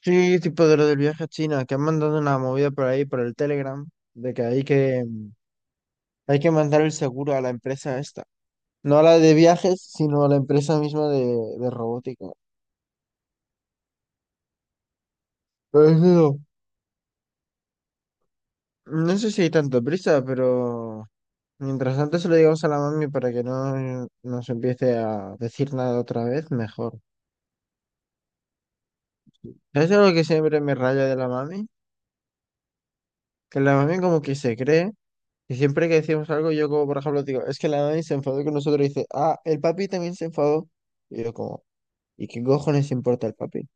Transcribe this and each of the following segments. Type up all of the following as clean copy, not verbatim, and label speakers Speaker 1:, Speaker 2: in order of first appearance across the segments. Speaker 1: Sí, tipo de lo del viaje a China, que han mandado una movida por ahí, por el Telegram, de que hay que mandar el seguro a la empresa esta. No a la de viajes, sino a la empresa misma de robótica. Pero eso, no sé si hay tanto prisa, pero mientras tanto se lo digamos a la mami para que no nos empiece a decir nada otra vez, mejor. Es algo que siempre me raya de la mami, que la mami como que se cree. Y siempre que decimos algo, yo como, por ejemplo, digo, es que la Dani se enfadó con nosotros y dice, ah, el papi también se enfadó. Y yo como, ¿y qué cojones importa el papi?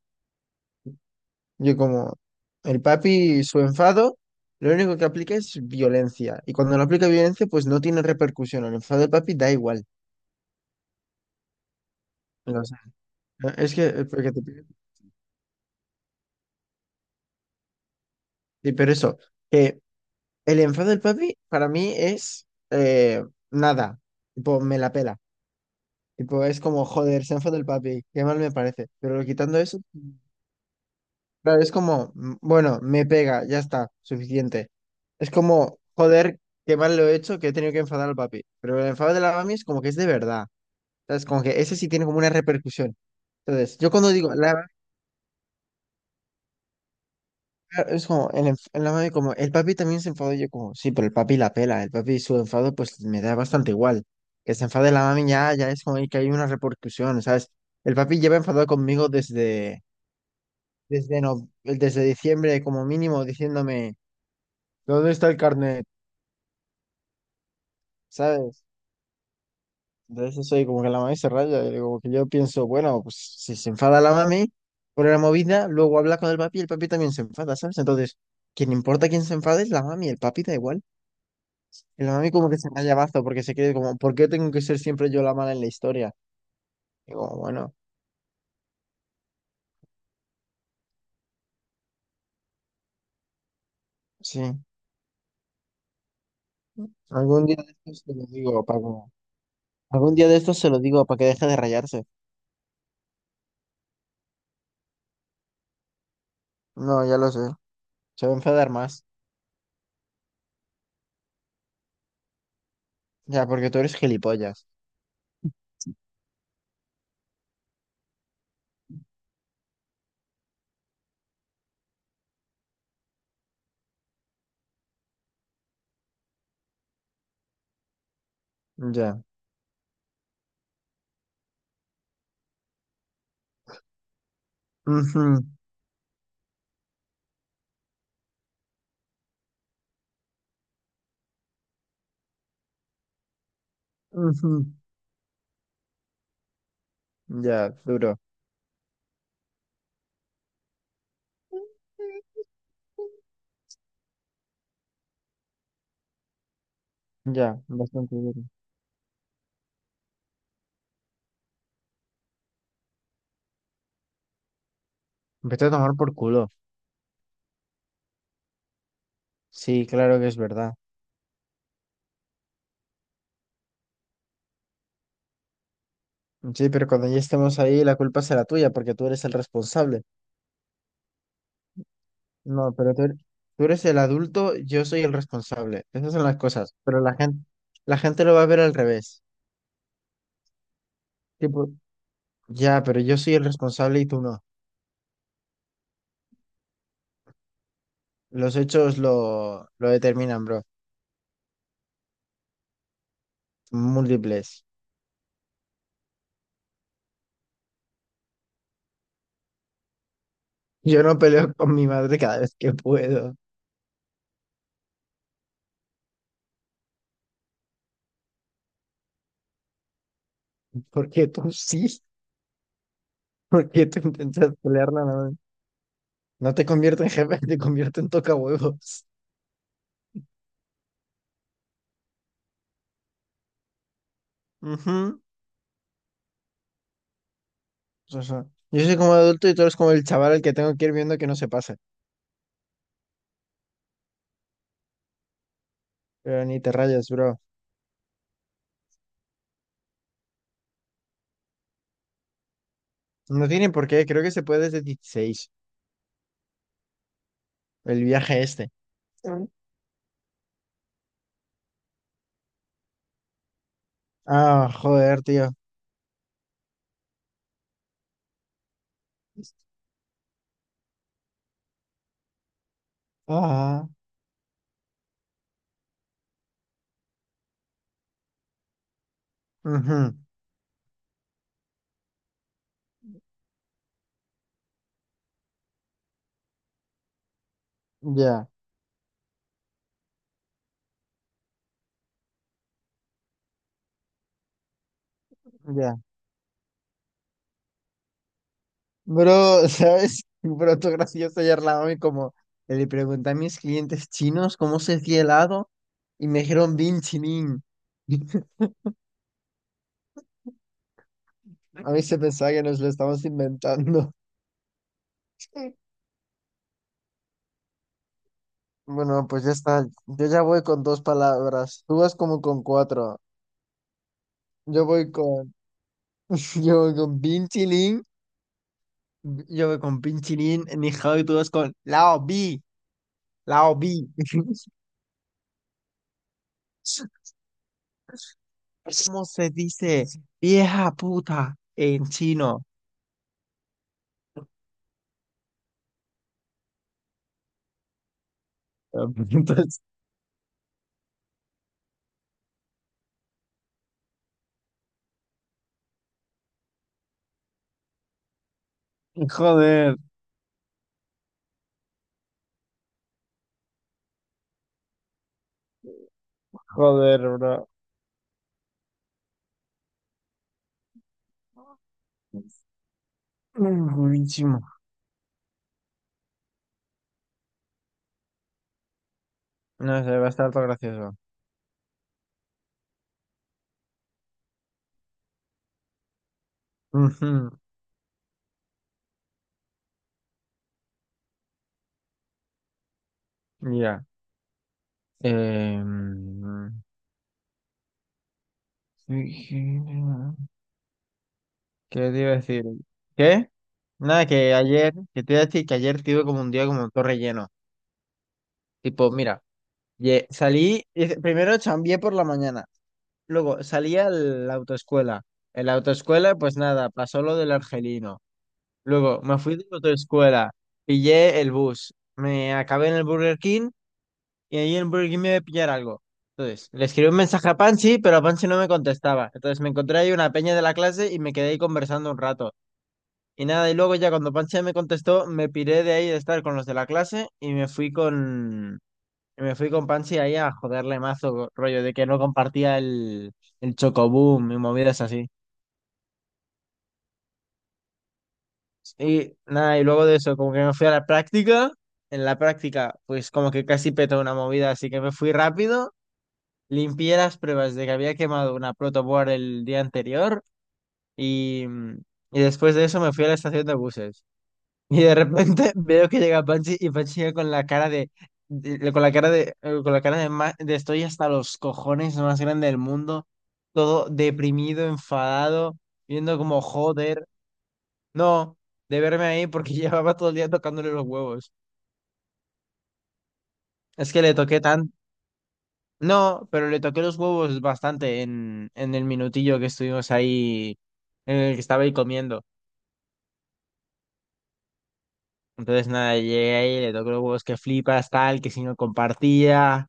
Speaker 1: Yo como, el papi, su enfado, lo único que aplica es violencia. Y cuando no aplica violencia, pues no tiene repercusión. El enfado del papi da igual. O sea, no, es que, porque sí, pero eso, que el enfado del papi para mí es nada. Tipo, me la pela. Tipo, es como, joder, se enfadó el papi, qué mal me parece. Pero quitando eso, claro, es como, mm, bueno, me pega, ya está, suficiente. Es como, joder, qué mal lo he hecho, que he tenido que enfadar al papi. Pero el enfado de la mami es como que es de verdad. ¿Sabes? Como que ese sí tiene como una repercusión. Entonces, yo cuando es como, la mami como, el papi también se enfadó, y yo como, sí, pero el papi la pela, el papi su enfado pues me da bastante igual. Que se enfade la mami ya, ya es como que hay una repercusión, ¿sabes? El papi lleva enfadado conmigo desde no, desde diciembre como mínimo, diciéndome... ¿Dónde está el carnet? ¿Sabes? Entonces soy como que la mami se raya, y digo porque yo pienso, bueno, pues si se enfada la mami por la movida, luego habla con el papi y el papi también se enfada, ¿sabes? Entonces, quien importa quién se enfade es la mami, el papi da igual. Y la mami como que se raya mazo porque se cree como, ¿por qué tengo que ser siempre yo la mala en la historia? Digo bueno, sí, algún día de estos se lo digo, a Paco. Algún día de estos se lo digo para que deje de rayarse. No, ya lo sé. Se va a enfadar más. Ya, porque tú eres gilipollas. Ya. Ujú, ujú. Ya, duro. Ya, bastante duro. Vete a tomar por culo. Sí, claro que es verdad. Sí, pero cuando ya estemos ahí, la culpa será tuya porque tú eres el responsable. No, pero tú eres el adulto, yo soy el responsable. Esas son las cosas. Pero la gente lo va a ver al revés. Tipo, ya, pero yo soy el responsable y tú no. Los hechos lo determinan, bro. Múltiples. Yo no peleo con mi madre cada vez que puedo. Porque tú sí. Porque tú intentas pelearla. No te convierte en jefe, te convierte en tocahuevos. Ujú. O sea, yo soy como adulto y tú eres como el chaval al que tengo que ir viendo que no se pase. Pero ni te rayas, bro. No tiene por qué, creo que se puede desde 16. El viaje este. Mm. Ah, joder, tío. Ah, ujú. Ya, ya. Bro, ¿sabes? Bro, tú gracioso ayer la mami como le pregunté a mis clientes chinos cómo se hacía helado y me dijeron Bin Chinin. A mí se pensaba que nos lo estamos inventando. Sí. Bueno, pues ya está. Yo ya voy con dos palabras. Tú vas como con cuatro. Yo voy con. Yo voy con pinchilín. Yo voy con pinchilín. Ni hao, y tú vas con lao bi. Lao bi. ¿Cómo se dice vieja puta en chino? Entonces, joder, joder, bro. Mm, buenísimo. No sé, va a estar todo gracioso. Ujú, ya. Em, ¿Qué te iba a decir? ¿Qué? Nada, que ayer, que te iba a decir que ayer tuve como un día como todo relleno. Tipo, mira, primero chambié por la mañana, luego salí a la autoescuela. En la autoescuela, pues nada, pasó lo del argelino. Luego me fui de la autoescuela, pillé el bus, me acabé en el Burger King y ahí en el Burger King me iba a pillar algo. Entonces, le escribí un mensaje a Panchi, pero a Panchi no me contestaba. Entonces me encontré ahí una peña de la clase y me quedé ahí conversando un rato. Y nada, y luego ya cuando Pancha me contestó, me piré de ahí de estar con los de la clase y me fui con Panchi ahí a joderle mazo, rollo de que no compartía el Chocoboom y movidas así. Y nada, y luego de eso, como que me fui a la práctica, en la práctica, pues como que casi petó una movida, así que me fui rápido, limpié las pruebas de que había quemado una protoboard el día anterior y, y después de eso me fui a la estación de buses. Y de repente veo que llega Panchi y Panchi llega con la cara con la cara con la cara de, de estoy hasta los cojones más grande del mundo, todo deprimido, enfadado, viendo como joder, no, de verme ahí porque llevaba todo el día tocándole los huevos. Es que le toqué tan, no, pero le toqué los huevos bastante en el minutillo que estuvimos ahí, en el que estaba ahí comiendo. Entonces nada, llegué ahí, le toqué los huevos que flipas, tal, que si no compartía.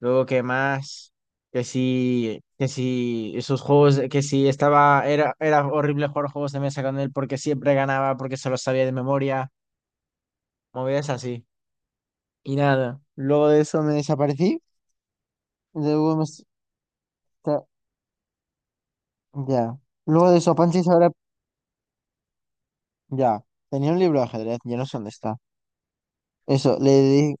Speaker 1: Luego, ¿qué más? Que si esos juegos, que si estaba, era, era horrible jugar juegos de mesa con él porque siempre ganaba, porque se los sabía de memoria, movidas así. Y nada, luego de eso me desaparecí. Luego me... s- ta- Ya. Luego de eso, Panchis ahora... Ya. Tenía un libro de ajedrez, ya no sé dónde está. Eso,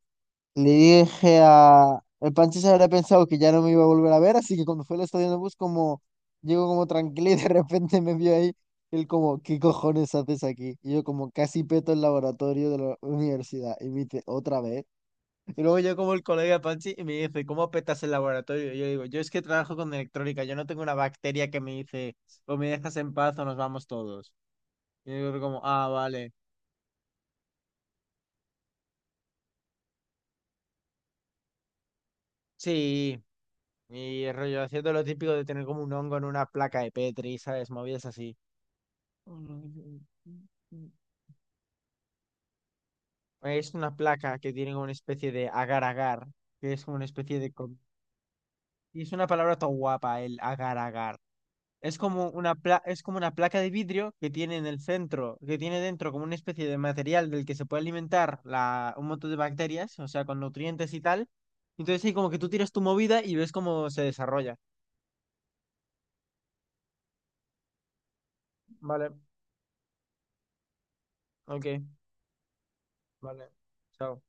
Speaker 1: le dije a... El Pancho se habría pensado que ya no me iba a volver a ver, así que cuando fue al estadio de bus, como... Llego como tranquilo y de repente me vio ahí. Él como, ¿qué cojones haces aquí? Y yo como casi peto el laboratorio de la universidad. Y me dice, ¿otra vez? Y luego yo como el colega Panchi y me dice, ¿cómo petas el laboratorio? Y yo digo, yo es que trabajo con electrónica, yo no tengo una bacteria que me dice, o me dejas en paz o nos vamos todos. Y yo digo como, ah, vale, sí. Y el rollo haciendo lo típico de tener como un hongo en una placa de Petri, ¿sabes? Movidas así. Es una placa que tiene como una especie de agar-agar, que es como una especie de... y es una palabra tan guapa, el agar-agar. Es como una es como una placa de vidrio que tiene en el centro, que tiene dentro como una especie de material del que se puede alimentar la... un montón de bacterias, o sea, con nutrientes y tal. Entonces ahí como que tú tiras tu movida y ves cómo se desarrolla. Vale, ok, vale. Chao.